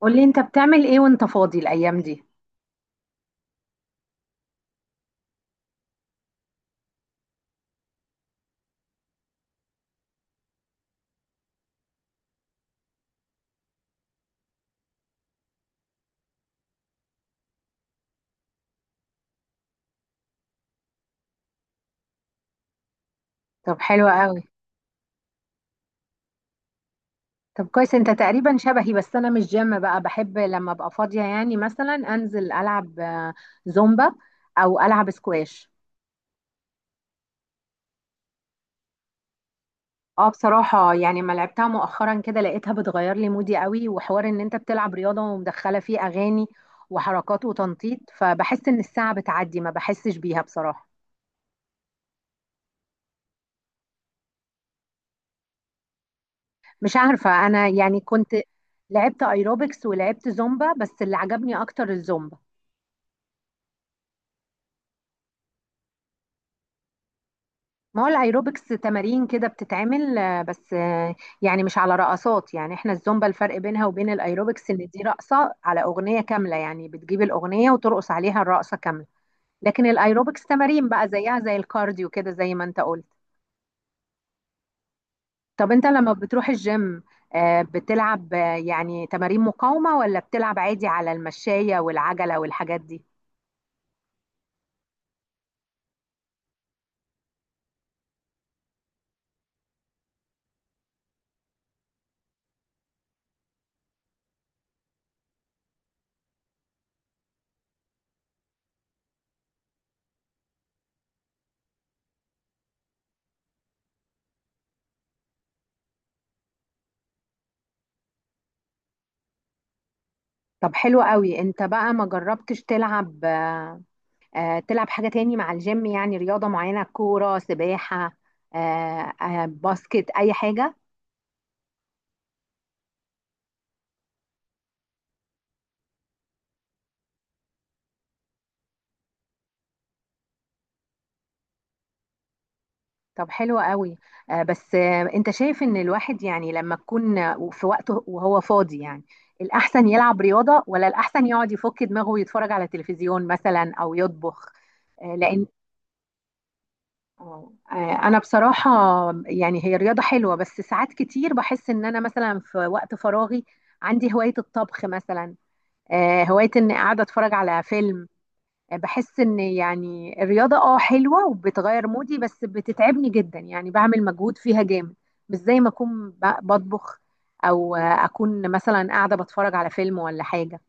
قولي انت بتعمل ايه وانت فاضي الايام دي؟ طب حلو قوي. طب كويس، انت تقريبا شبهي، بس انا مش جيم بقى، بحب لما ابقى فاضية مثلا انزل العب زومبا او العب سكواش. اه بصراحة يعني ما لعبتها مؤخرا، كده لقيتها بتغير لي مودي قوي، وحوار ان انت بتلعب رياضة ومدخلة فيه اغاني وحركات وتنطيط، فبحس ان الساعة بتعدي ما بحسش بيها بصراحة. مش عارفة، انا يعني كنت لعبت ايروبكس ولعبت زومبا، بس اللي عجبني اكتر الزومبا. ما هو الايروبكس تمارين كده بتتعمل، آه، بس آه، يعني مش على رقصات، يعني احنا الزومبا الفرق بينها وبين الايروبكس ان دي رقصة على اغنية كاملة، يعني بتجيب الاغنية وترقص عليها الرقصة كاملة. لكن الايروبكس تمارين بقى، زيها زي الكارديو كده زي ما انت قلت. طب انت لما بتروح الجيم، بتلعب يعني تمارين مقاومة ولا بتلعب عادي على المشاية والعجلة والحاجات دي؟ طب حلو قوي. انت بقى ما جربتش تلعب، تلعب حاجة تاني مع الجيم يعني؟ رياضة معينة، كورة، سباحة، باسكت، أي حاجة؟ طب حلو قوي. آه، بس آه، أنت شايف إن الواحد يعني لما تكون في وقته وهو فاضي يعني الأحسن يلعب رياضة، ولا الأحسن يقعد يفك دماغه ويتفرج على تلفزيون مثلا، أو يطبخ؟ آه، لأن آه، آه، أنا بصراحة يعني هي رياضة حلوة، بس ساعات كتير بحس إن أنا مثلا في وقت فراغي عندي هواية الطبخ مثلا، هواية إني قاعدة أتفرج على فيلم. بحس ان يعني الرياضة اه حلوة وبتغير مودي، بس بتتعبني جدا، يعني بعمل مجهود فيها جامد، مش زي ما اكون بطبخ، او اكون مثلا قاعدة بتفرج على فيلم ولا حاجة.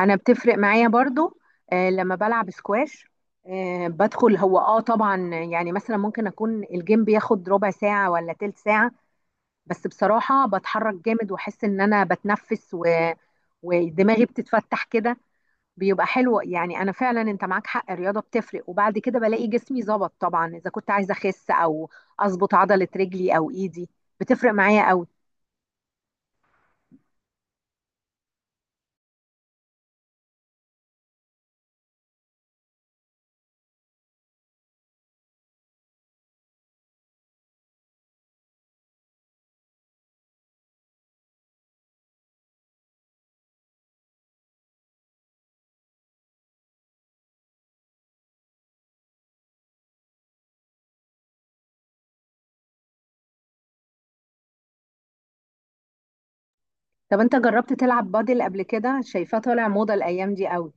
انا بتفرق معايا برضو لما بلعب سكواش، بدخل هو اه طبعا، يعني مثلا ممكن اكون الجيم بياخد ربع ساعة ولا تلت ساعة، بس بصراحة بتحرك جامد، واحس ان انا بتنفس ودماغي بتتفتح كده، بيبقى حلو يعني. انا فعلا انت معاك حق، الرياضه بتفرق، وبعد كده بلاقي جسمي ظبط طبعا، اذا كنت عايزه اخس او اظبط عضله رجلي او ايدي، بتفرق معايا قوي. طب انت جربت تلعب بادل قبل كده؟ شايفاه طالع موضه الايام دي قوي.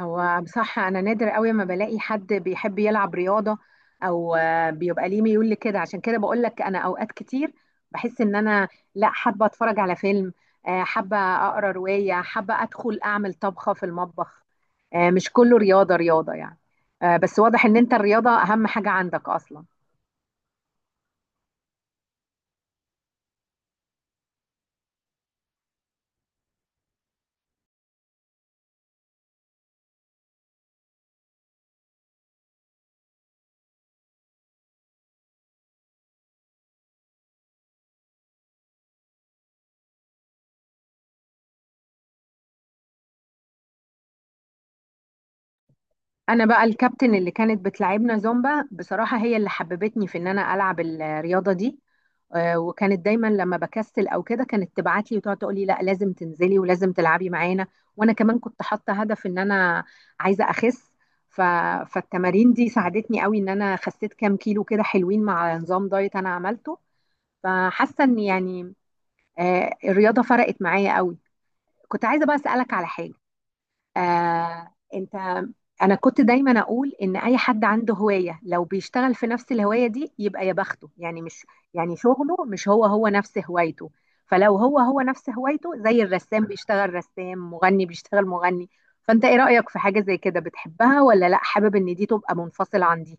هو بصراحة أنا نادر قوي ما بلاقي حد بيحب يلعب رياضة، أو بيبقى ليه ميول لكده، عشان كده بقول لك أنا أوقات كتير بحس إن أنا لا، حابة أتفرج على فيلم، حابة أقرأ رواية، حابة أدخل أعمل طبخة في المطبخ، مش كله رياضة رياضة يعني. بس واضح إن أنت الرياضة أهم حاجة عندك أصلا. انا بقى الكابتن اللي كانت بتلعبنا زومبا بصراحة هي اللي حببتني في ان انا العب الرياضة دي، وكانت دايما لما بكسل او كده كانت تبعت لي وتقعد تقول لي لا، لازم تنزلي ولازم تلعبي معانا. وانا كمان كنت حاطة هدف ان انا عايزة اخس، ف... فالتمارين دي ساعدتني قوي ان انا خسيت كام كيلو كده حلوين مع نظام دايت انا عملته. فحاسة ان يعني الرياضة فرقت معايا قوي. كنت عايزة بقى اسألك على حاجة. آه انت، انا كنت دايما اقول ان اي حد عنده هواية لو بيشتغل في نفس الهواية دي يبقى يا بخته، يعني مش يعني شغله مش هو هو نفس هوايته. فلو هو هو نفس هوايته زي الرسام بيشتغل رسام، مغني بيشتغل مغني، فانت ايه رأيك في حاجة زي كده؟ بتحبها ولا لا، حابب ان دي تبقى منفصلة عن دي؟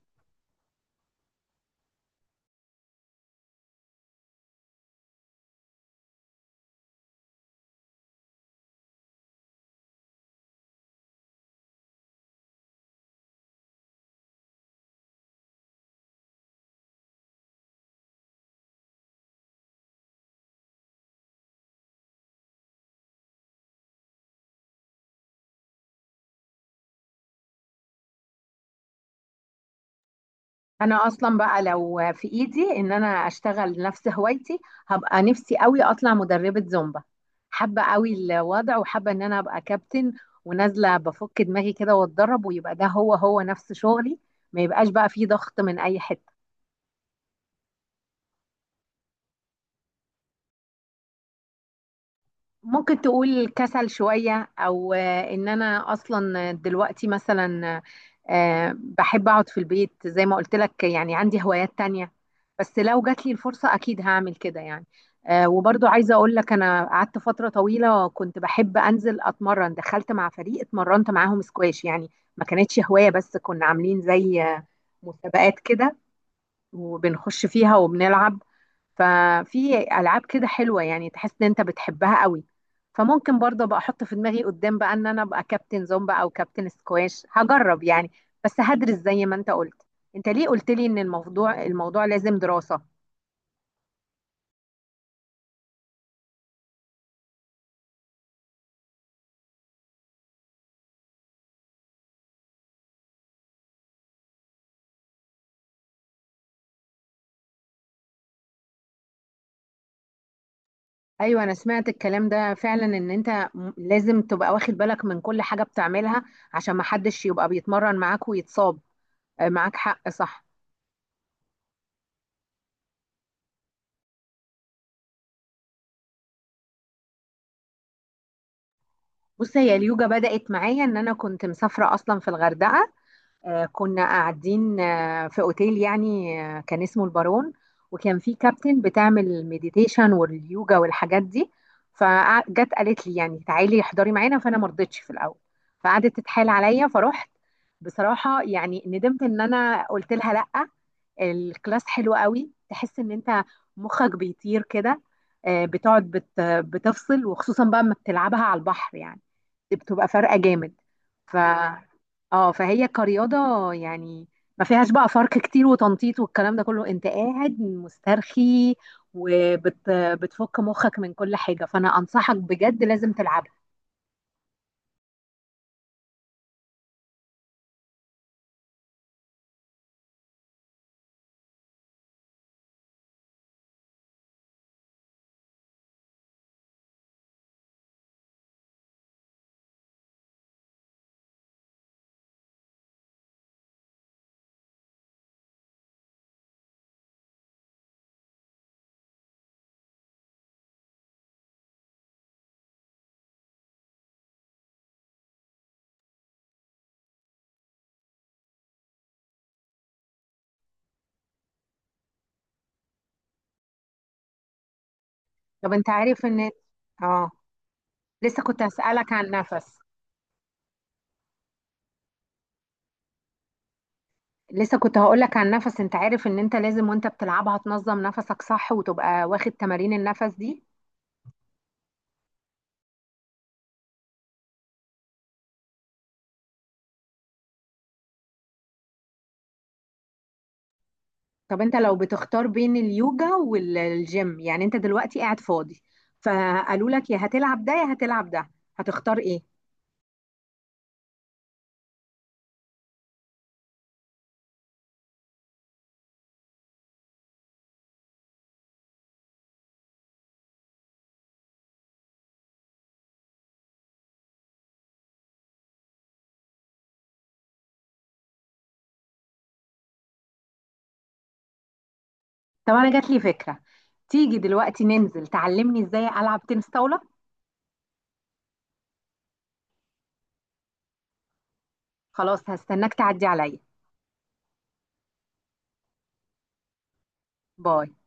انا اصلا بقى لو في ايدي ان انا اشتغل نفس هوايتي، هبقى نفسي قوي اطلع مدربة زومبا. حابة قوي الوضع، وحابة ان انا ابقى كابتن ونازلة بفك دماغي كده واتدرب، ويبقى ده هو هو نفس شغلي، ما يبقاش بقى فيه ضغط من اي حتة. ممكن تقول كسل شوية، أو إن أنا أصلا دلوقتي مثلا بحب أقعد في البيت زي ما قلت لك، يعني عندي هوايات تانية. بس لو جات لي الفرصة أكيد هعمل كده يعني. وبرضو عايزة أقول لك أنا قعدت فترة طويلة كنت بحب أنزل أتمرن، دخلت مع فريق اتمرنت معاهم سكواش يعني، ما كانتش هواية، بس كنا عاملين زي مسابقات كده وبنخش فيها وبنلعب. ففي العاب كده حلوه يعني تحس ان انت بتحبها قوي. فممكن برضه ابقى احط في دماغي قدام بقى ان انا ابقى كابتن زومبا او كابتن سكواش، هجرب يعني، بس هدرس زي ما انت قلت. انت ليه قلت لي ان الموضوع لازم دراسه؟ ايوه انا سمعت الكلام ده فعلا، ان انت لازم تبقى واخد بالك من كل حاجه بتعملها عشان ما حدش يبقى بيتمرن معاك ويتصاب. معاك حق، صح. بص هي اليوجا بدأت معايا ان انا كنت مسافره اصلا في الغردقه، كنا قاعدين في اوتيل يعني، كان اسمه البارون، وكان في كابتن بتعمل مديتيشن واليوجا والحاجات دي. فجت قالت لي يعني تعالي احضري معانا، فانا ما رضيتش في الاول، فقعدت تتحايل عليا فروحت. بصراحة يعني ندمت ان انا قلت لها لا، الكلاس حلو قوي، تحس ان انت مخك بيطير كده، بتقعد بتفصل، وخصوصا بقى اما بتلعبها على البحر يعني، دي بتبقى فارقة جامد. ف اه فهي كرياضة يعني ما فيهاش بقى فرق كتير وتنطيط والكلام ده كله، انت قاعد مسترخي وبتفك مخك من كل حاجة، فانا انصحك بجد لازم تلعبها. طب انت عارف ان اه لسه كنت هسألك عن نفس لسه كنت هقولك عن النفس، انت عارف ان انت لازم وانت بتلعبها تنظم نفسك صح وتبقى واخد تمارين النفس دي؟ طب انت لو بتختار بين اليوجا والجيم، يعني انت دلوقتي قاعد فاضي فقالوا لك يا هتلعب ده يا هتلعب ده، هتختار ايه؟ طب انا جات لي فكرة، تيجي دلوقتي ننزل تعلمني ازاي العب تنس طاولة؟ خلاص هستناك تعدي عليا. باي.